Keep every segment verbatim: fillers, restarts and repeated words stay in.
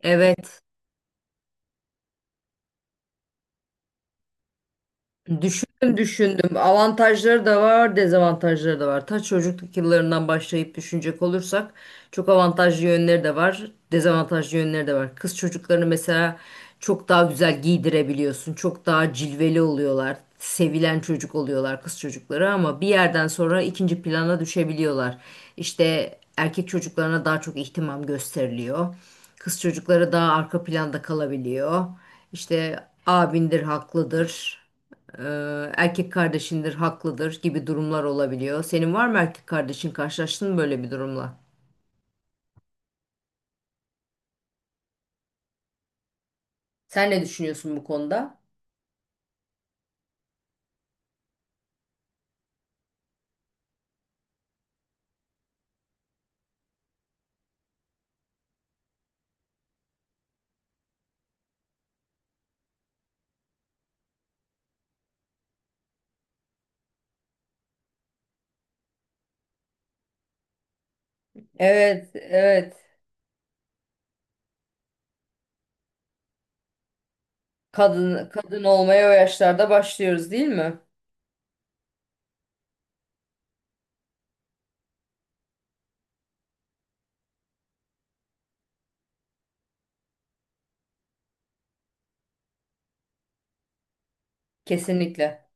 Evet. Düşündüm düşündüm. Avantajları da var, dezavantajları da var. Ta çocukluk yıllarından başlayıp düşünecek olursak çok avantajlı yönleri de var, dezavantajlı yönleri de var. Kız çocuklarını mesela çok daha güzel giydirebiliyorsun. Çok daha cilveli oluyorlar. Sevilen çocuk oluyorlar kız çocukları ama bir yerden sonra ikinci plana düşebiliyorlar. İşte erkek çocuklarına daha çok ihtimam gösteriliyor. Kız çocukları daha arka planda kalabiliyor. İşte abindir, haklıdır. Ee, erkek kardeşindir, haklıdır gibi durumlar olabiliyor. Senin var mı erkek kardeşin? Karşılaştın mı böyle bir durumla? Sen ne düşünüyorsun bu konuda? Evet, evet. Kadın kadın olmaya o yaşlarda başlıyoruz değil mi? Kesinlikle.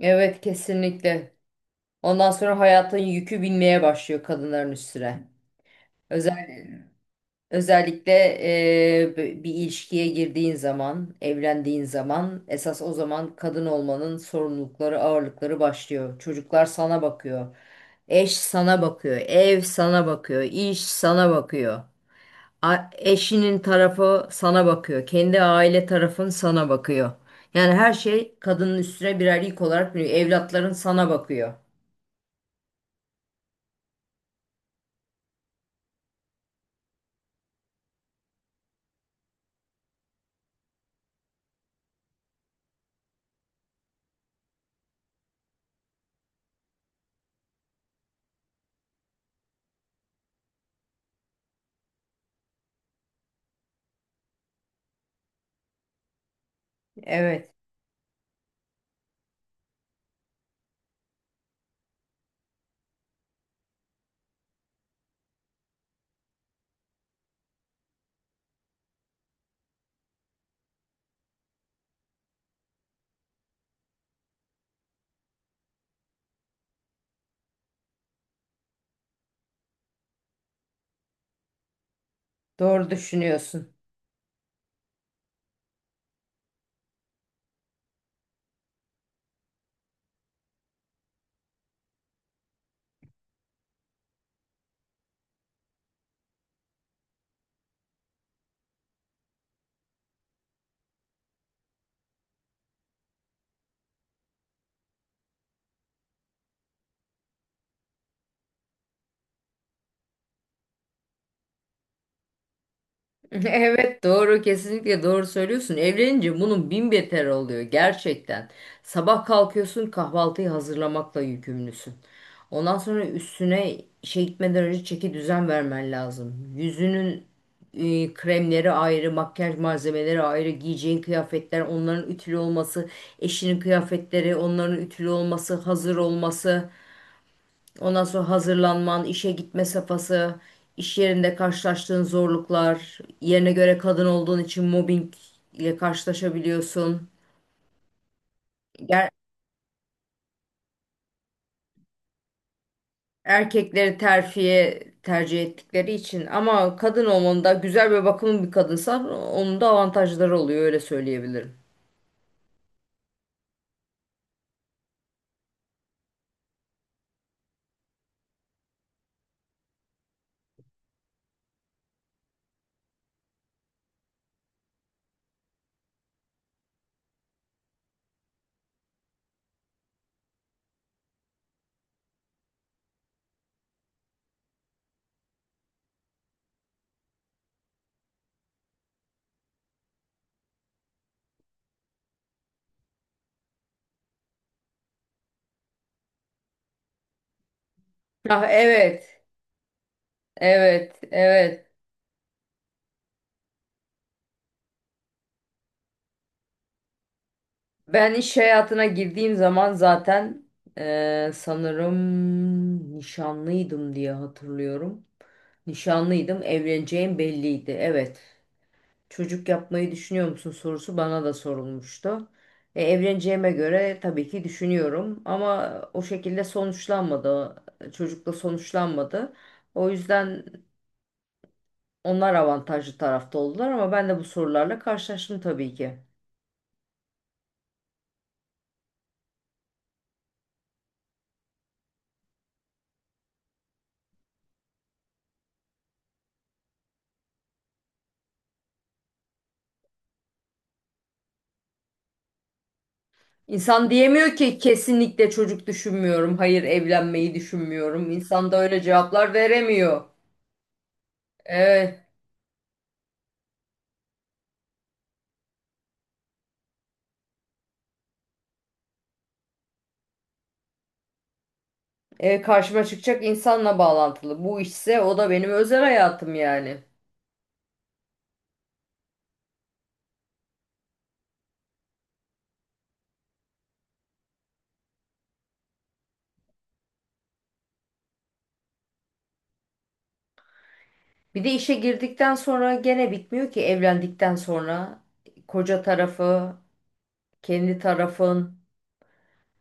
Evet, kesinlikle. Ondan sonra hayatın yükü binmeye başlıyor kadınların üstüne. Özel Özellikle e, bir ilişkiye girdiğin zaman, evlendiğin zaman esas o zaman kadın olmanın sorumlulukları, ağırlıkları başlıyor. Çocuklar sana bakıyor. Eş sana bakıyor. Ev sana bakıyor. İş sana bakıyor. A- eşinin tarafı sana bakıyor. Kendi aile tarafın sana bakıyor. Yani her şey kadının üstüne birer yük olarak biniyor. Evlatların sana bakıyor. Evet, doğru düşünüyorsun. Evet, doğru, kesinlikle doğru söylüyorsun. Evlenince bunun bin beter oluyor gerçekten. Sabah kalkıyorsun kahvaltıyı hazırlamakla yükümlüsün. Ondan sonra üstüne işe gitmeden önce çeki düzen vermen lazım. Yüzünün e, kremleri ayrı, makyaj malzemeleri ayrı, giyeceğin kıyafetler, onların ütülü olması, eşinin kıyafetleri, onların ütülü olması, hazır olması. Ondan sonra hazırlanman, işe gitme safhası, iş yerinde karşılaştığın zorluklar, yerine göre kadın olduğun için mobbing ile karşılaşabiliyorsun. Ger- Erkekleri terfiye tercih ettikleri için ama kadın olmanın da güzel ve bakımlı bir kadınsan onun da avantajları oluyor öyle söyleyebilirim. Ah evet, evet, evet. Ben iş hayatına girdiğim zaman zaten eee, sanırım nişanlıydım diye hatırlıyorum. Nişanlıydım, evleneceğim belliydi. Evet. Çocuk yapmayı düşünüyor musun sorusu bana da sorulmuştu. E, evleneceğime göre tabii ki düşünüyorum ama o şekilde sonuçlanmadı. Çocukla sonuçlanmadı. O yüzden onlar avantajlı tarafta oldular ama ben de bu sorularla karşılaştım tabii ki. İnsan diyemiyor ki kesinlikle çocuk düşünmüyorum, hayır evlenmeyi düşünmüyorum. İnsan da öyle cevaplar veremiyor. Evet. E, karşıma çıkacak insanla bağlantılı. Bu işse o da benim özel hayatım yani. Bir de işe girdikten sonra gene bitmiyor ki evlendikten sonra koca tarafı, kendi tarafın,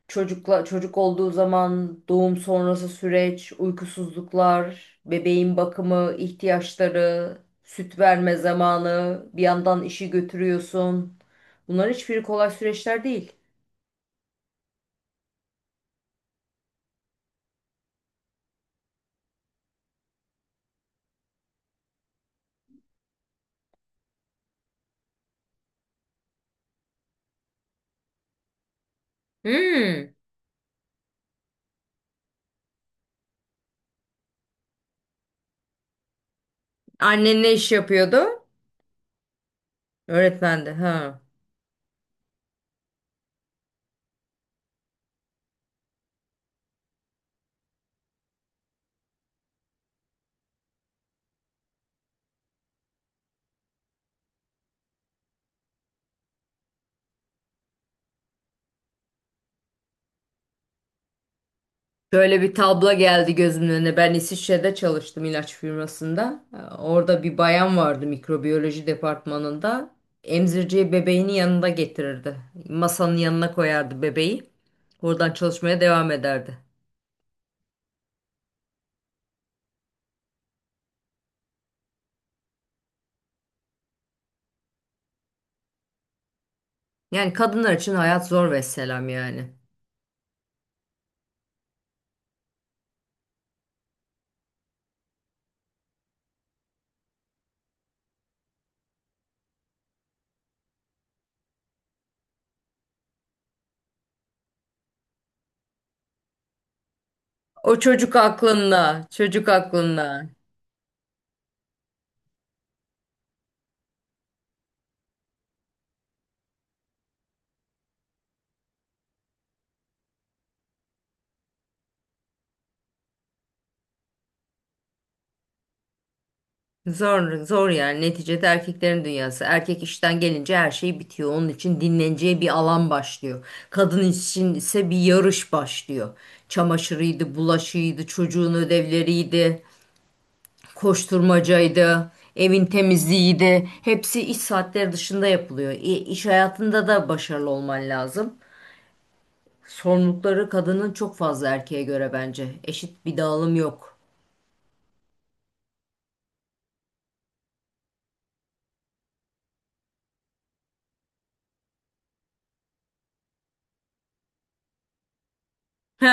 çocukla çocuk olduğu zaman doğum sonrası süreç, uykusuzluklar, bebeğin bakımı, ihtiyaçları, süt verme zamanı, bir yandan işi götürüyorsun. Bunların hiçbiri kolay süreçler değil. Hmm, annen ne iş yapıyordu? Öğretmendi. Ha. Şöyle bir tablo geldi gözümün önüne. Ben İsviçre'de çalıştım ilaç firmasında. Ee, Orada bir bayan vardı mikrobiyoloji departmanında. Emzirciye bebeğini yanında getirirdi. Masanın yanına koyardı bebeği. Oradan çalışmaya devam ederdi. Yani kadınlar için hayat zor vesselam yani. O çocuk aklında, çocuk aklında. Zor, zor yani. Neticede erkeklerin dünyası. Erkek işten gelince her şey bitiyor. Onun için dinleneceği bir alan başlıyor. Kadın için ise bir yarış başlıyor. Çamaşırıydı, bulaşıydı, çocuğun ödevleriydi, koşturmacaydı, evin temizliğiydi. Hepsi iş saatleri dışında yapılıyor. İ- İş hayatında da başarılı olman lazım. Sorumlulukları kadının çok fazla erkeğe göre bence. Eşit bir dağılım yok. He,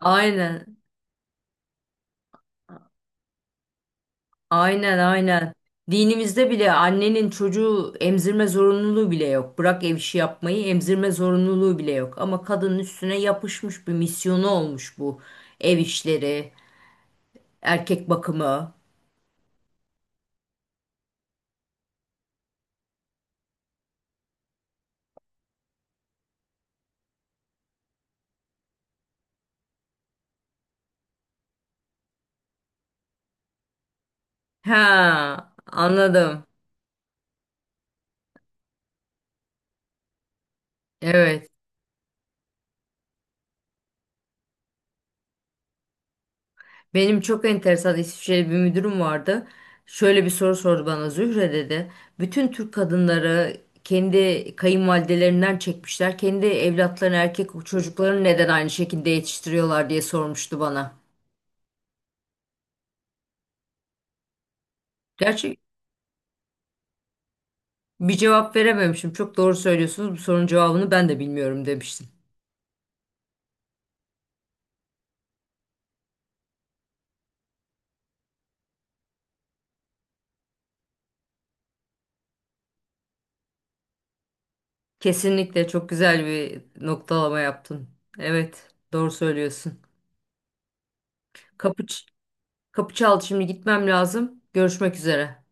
aynen. Aynen aynen. Dinimizde bile annenin çocuğu emzirme zorunluluğu bile yok. Bırak ev işi yapmayı, emzirme zorunluluğu bile yok. Ama kadının üstüne yapışmış bir misyonu olmuş bu. Ev işleri, erkek bakımı. Ha, anladım. Evet. Benim çok enteresan İsviçreli bir müdürüm vardı. Şöyle bir soru sordu bana, Zühre dedi. Bütün Türk kadınları kendi kayınvalidelerinden çekmişler. Kendi evlatlarını, erkek çocuklarını neden aynı şekilde yetiştiriyorlar diye sormuştu bana. Gerçi bir cevap verememişim. Çok doğru söylüyorsunuz. Bu sorunun cevabını ben de bilmiyorum demiştim. Kesinlikle çok güzel bir noktalama yaptın. Evet, doğru söylüyorsun. Kapı, ç- Kapı çaldı, şimdi gitmem lazım. Görüşmek üzere.